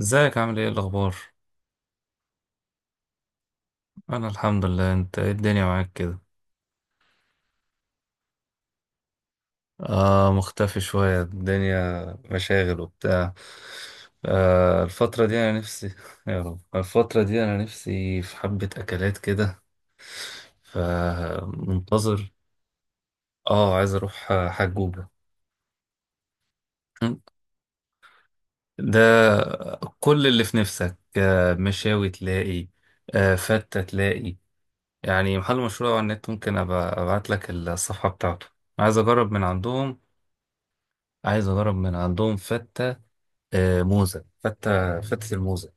ازيك عامل ايه الاخبار؟ انا الحمد لله. انت ايه الدنيا معاك كده؟ آه، مختفي شوية الدنيا. مشاغل وبتاع. آه، الفترة دي انا نفسي يا رب. الفترة دي انا نفسي في حبة اكلات كده. فمنتظر. اه، عايز اروح حجوجة. ده. كل اللي في نفسك. آه، مشاوي تلاقي. آه، فتة تلاقي. يعني محل مشهور أوي على النت، ممكن أبقى أبعت لك الصفحة بتاعته. عايز أجرب من عندهم. عايز اجرب من عندهم فتة. آه، موزة، فتة، فتة الموزة.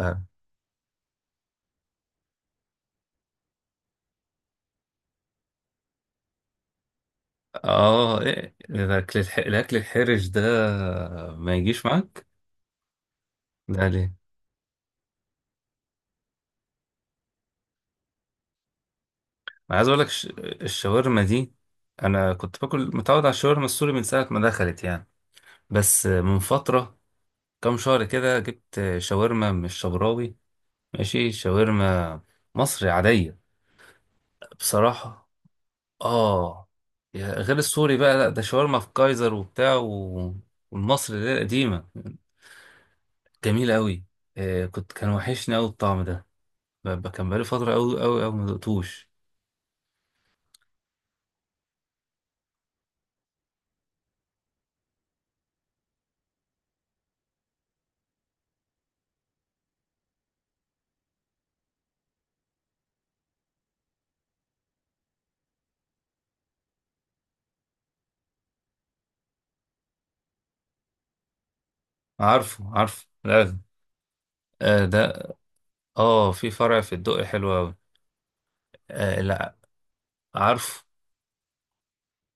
اه. آه، إيه ده، الاكل الحرج ده؟ ما يجيش معاك؟ ده ليه؟ انا عايز اقول لك الشاورما دي. انا كنت باكل متعود على الشاورما السوري من ساعة ما دخلت يعني. بس من فترة، كام شهر كده، جبت شاورما مش شبراوي. ماشي، شاورما مصري عادية. بصراحة، اه، غير السوري بقى، لا ده شاورما في كايزر وبتاع والمصري اللي هي القديمة. جميلة قوي. آه، كان وحشني قوي الطعم ده. كان بقالي فترة قوي قوي قوي ما دقتوش. عارفه عارفه، لازم. آه، ده. اه، في فرع في الدقي حلو قوي. آه، لا. عارفه.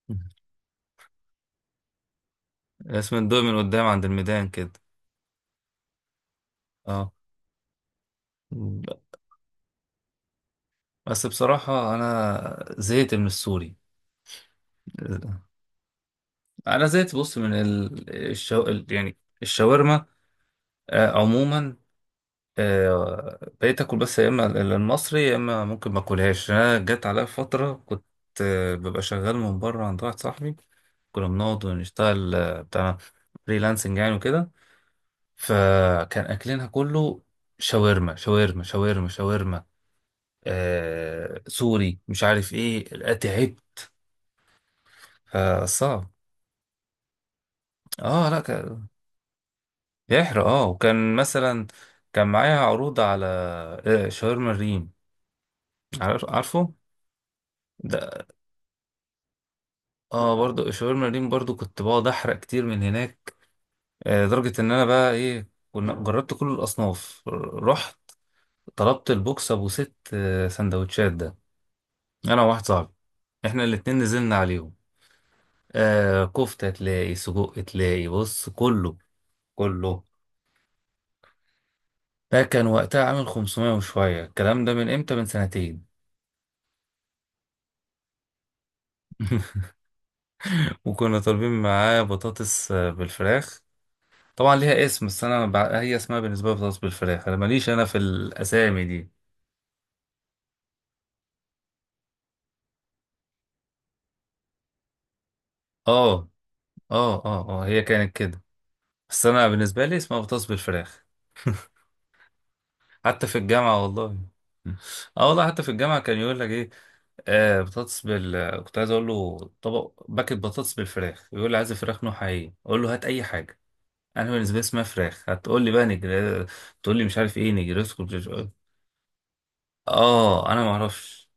اسم الدقي من قدام عند الميدان كده. اه. بس بصراحة أنا زهقت من السوري. آه، أنا زهقت، بص، من يعني الشاورما. آه، عموما، آه، بقيت اكل بس يا اما المصري، يا اما ممكن ما اكلهاش. انا جت عليا فتره كنت آه، ببقى شغال من بره عند واحد صاحبي. كنا بنقعد ونشتغل، آه، بتاع فريلانسنج يعني وكده. فكان اكلنا كله شاورما شاورما شاورما شاورما، آه، سوري مش عارف ايه. لا، تعبت. فصعب. اه، لا، كان بيحرق، اه، وكان مثلا كان معايا عروض على آه، شاورما الريم. عارفه؟ ده. اه، برضو شاورما ريم، برضو كنت بقعد احرق كتير من هناك. آه، لدرجة ان انا بقى ايه، كنا جربت كل الاصناف، رحت طلبت البوكس ابو ست، آه، سندوتشات ده. انا وواحد صاحبي، احنا الاتنين نزلنا عليهم. آه، كفتة تلاقي، سجق تلاقي، بص، كله كله. ده كان وقتها عامل 500 وشوية. الكلام ده من امتى، من سنتين. وكنا طالبين معاه بطاطس، آه، بالفراخ. طبعا ليها اسم، بس انا هي اسمها بالنسبة لي بطاطس بالفراخ. انا ماليش انا في الاسامي دي. اه اه اه اه، هي كانت كده. بس انا بالنسبه لي اسمها بطاطس بالفراخ. حتى في الجامعه والله. اه والله، حتى في الجامعه كان يقول لك ايه. آه، بطاطس بال كنت عايز اقول له طبق باكت بطاطس بالفراخ، يقول لي عايز فراخ نوعها ايه، اقول له هات اي حاجه. انا بالنسبه لي اسمها فراخ، هتقول لي بقى نجر، تقول لي مش عارف ايه، نجرسكو اه انا ما اعرفش.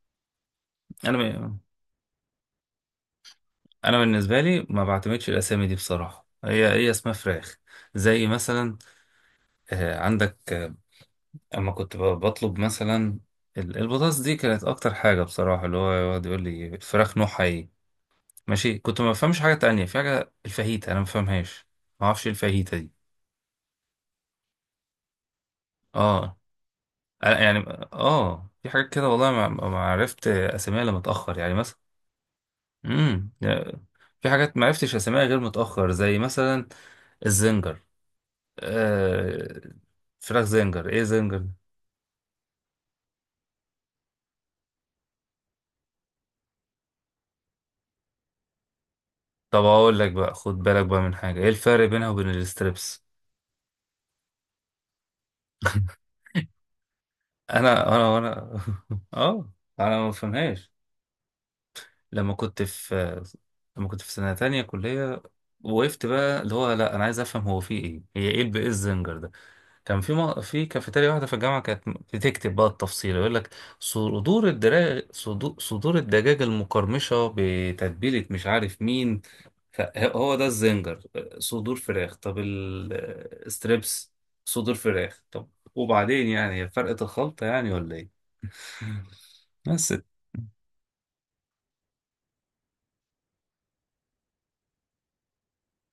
انا ب... انا بالنسبه لي ما بعتمدش الاسامي دي بصراحه، هي اسمها فراخ. زي مثلا آه عندك، اما كنت بطلب مثلا البطاطس دي كانت اكتر حاجه بصراحه، اللي هو يقعد يقول لي الفراخ نوعها ايه. ماشي. كنت ما بفهمش حاجه تانية، في حاجه الفاهيتا انا ما بفهمهاش. ما اعرفش إيه الفاهيتا دي. اه، أنا يعني، اه، في حاجات كده والله ما عرفت اساميها الا متاخر، يعني مثلا. امم في حاجات ما عرفتش اساميها غير متاخر، زي مثلا الزنجر. آه، فراخ زنجر، ايه زنجر؟ طب اقول لك بقى، خد بالك بقى من حاجه، ايه الفرق بينها وبين الستريبس؟ انا اه، انا ما بفهمهاش. لما كنت في لما كنت في سنه تانية كليه، وقفت بقى اللي هو، لا، انا عايز افهم، هو في ايه، هي ايه ايه الزنجر ده. كان في في كافيتيريا واحده في الجامعه كانت بتكتب بقى التفصيل، يقول لك صدور الدراج صدور صدور الدجاج المقرمشه بتتبيله مش عارف مين، فهو ده الزنجر. صدور فراخ، طب الستريبس؟ صدور فراخ، طب. وبعدين يعني هي فرقه الخلطه يعني، ولا ايه؟ بس اه،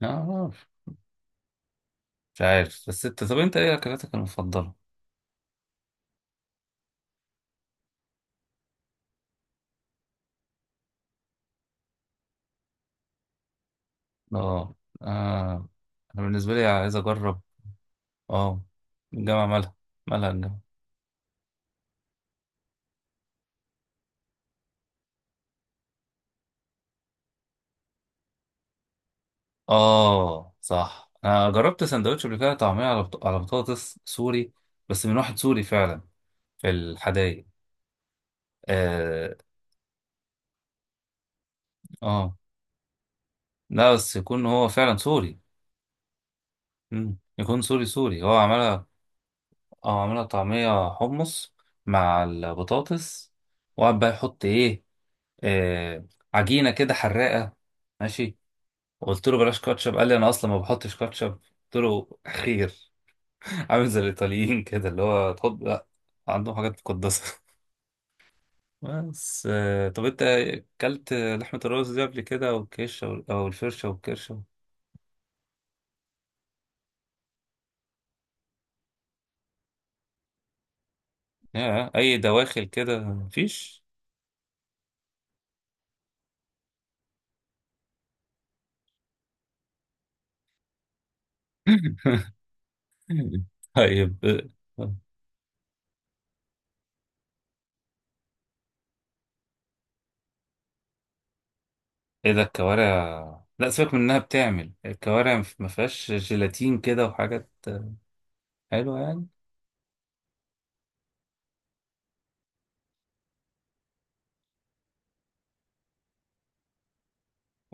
آه، مش عارف. بس انت، طب انت ايه اكلاتك المفضله؟ اه اه، انا بالنسبه لي عايز اجرب. اه، الجامعه مالها؟ مالها الجامعه؟ اه صح، انا جربت سندوتش قبل كده طعميه على على بطاطس سوري، بس من واحد سوري فعلا، في الحدايق. اه. اه، لا بس يكون هو فعلا سوري. مم. يكون سوري سوري هو عملها. اه، عملها طعميه حمص مع البطاطس، وقعد بقى يحط ايه، آه، عجينه كده حراقه. ماشي. قلت له بلاش كاتشب، قال لي انا اصلا ما بحطش كاتشب، قلت له خير. عامل زي الايطاليين كده اللي هو تحط لا، عندهم حاجات مقدسه. بس آه، طب انت اكلت لحمه الرز دي قبل كده، او الكشه، او الفرشه والكرشه؟ يا اي دواخل كده مفيش؟ طيب، آه، ايه ده الكوارع؟ لا سيبك من انها بتعمل الكوارع، ما فيهاش جيلاتين كده وحاجات حلوه يعني.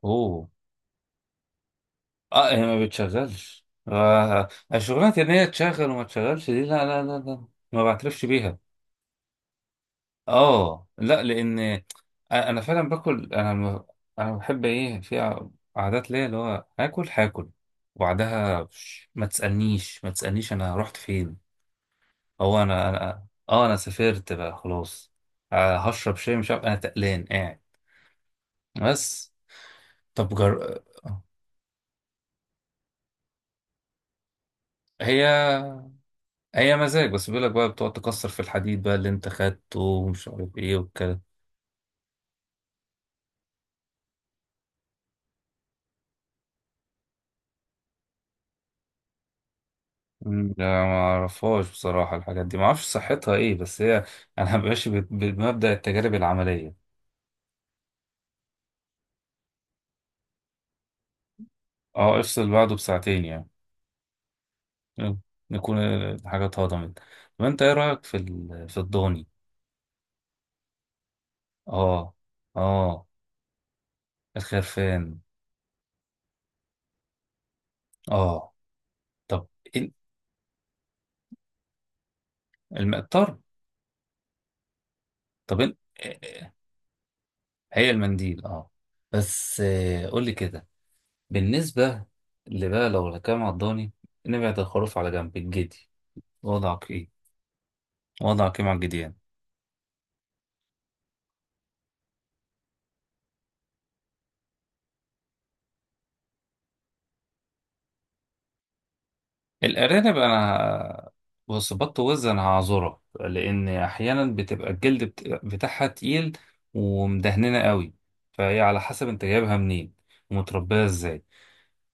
اوه، اه، هي ما بتشغلش. آه آه، الشغلانه ان هي تشغل وما تشغلش دي، لا لا لا لا. ما بعترفش بيها. اه، لا، لان انا فعلا باكل، انا انا بحب ايه في عادات ليا اللي هو هاكل هاكل، وبعدها ما تسالنيش ما تسالنيش انا رحت فين. هو انا سافرت بقى خلاص. آه، هشرب شاي، مش عارف، انا تقلان قاعد. بس، طب هي اي مزاج، بس بيقول لك بقى بتقعد تكسر في الحديد بقى اللي انت خدته، ومش عارف ايه والكلام. مم. لا ما اعرفهاش بصراحه، الحاجات دي ما اعرفش صحتها ايه، بس هي انا ماشي بمبدا التجارب العمليه. اه، افصل بعده بساعتين يعني. يلا، نكون الحاجات اتهضمت. طب انت ايه رايك في في الضاني؟ اه اه، الخرفان. اه، طب إيه الطرب؟ طب إيه، هي المنديل، اه. بس آه، قول لي كده بالنسبة، اللي بقى لو هنتكلم على الضاني، نبعد الخروف على جنب، الجدي، وضعك ايه؟ وضعك ايه مع الجديان؟ الأرانب أنا، بص، بط وز أنا هعذرها لأن أحيانا بتبقى الجلد بتاعها تقيل ومدهننة قوي، فهي على حسب أنت جايبها منين ومتربية ازاي.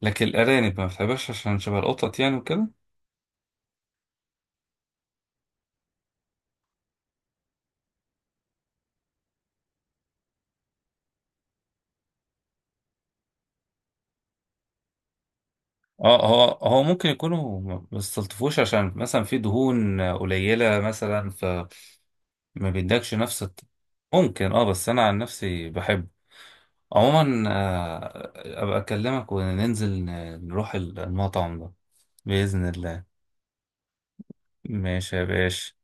لكن الأرانب ما بتحبهاش عشان شبه القطط يعني وكده. اه، هو ممكن يكونوا ما بيستلطفوش عشان مثلا في دهون قليلة مثلا، ما بيدكش نفس ممكن، اه، بس انا عن نفسي بحبه. عموما، آه، ابقى اكلمك وننزل نروح المطعم ده. بإذن الله. ماشي يا باشا.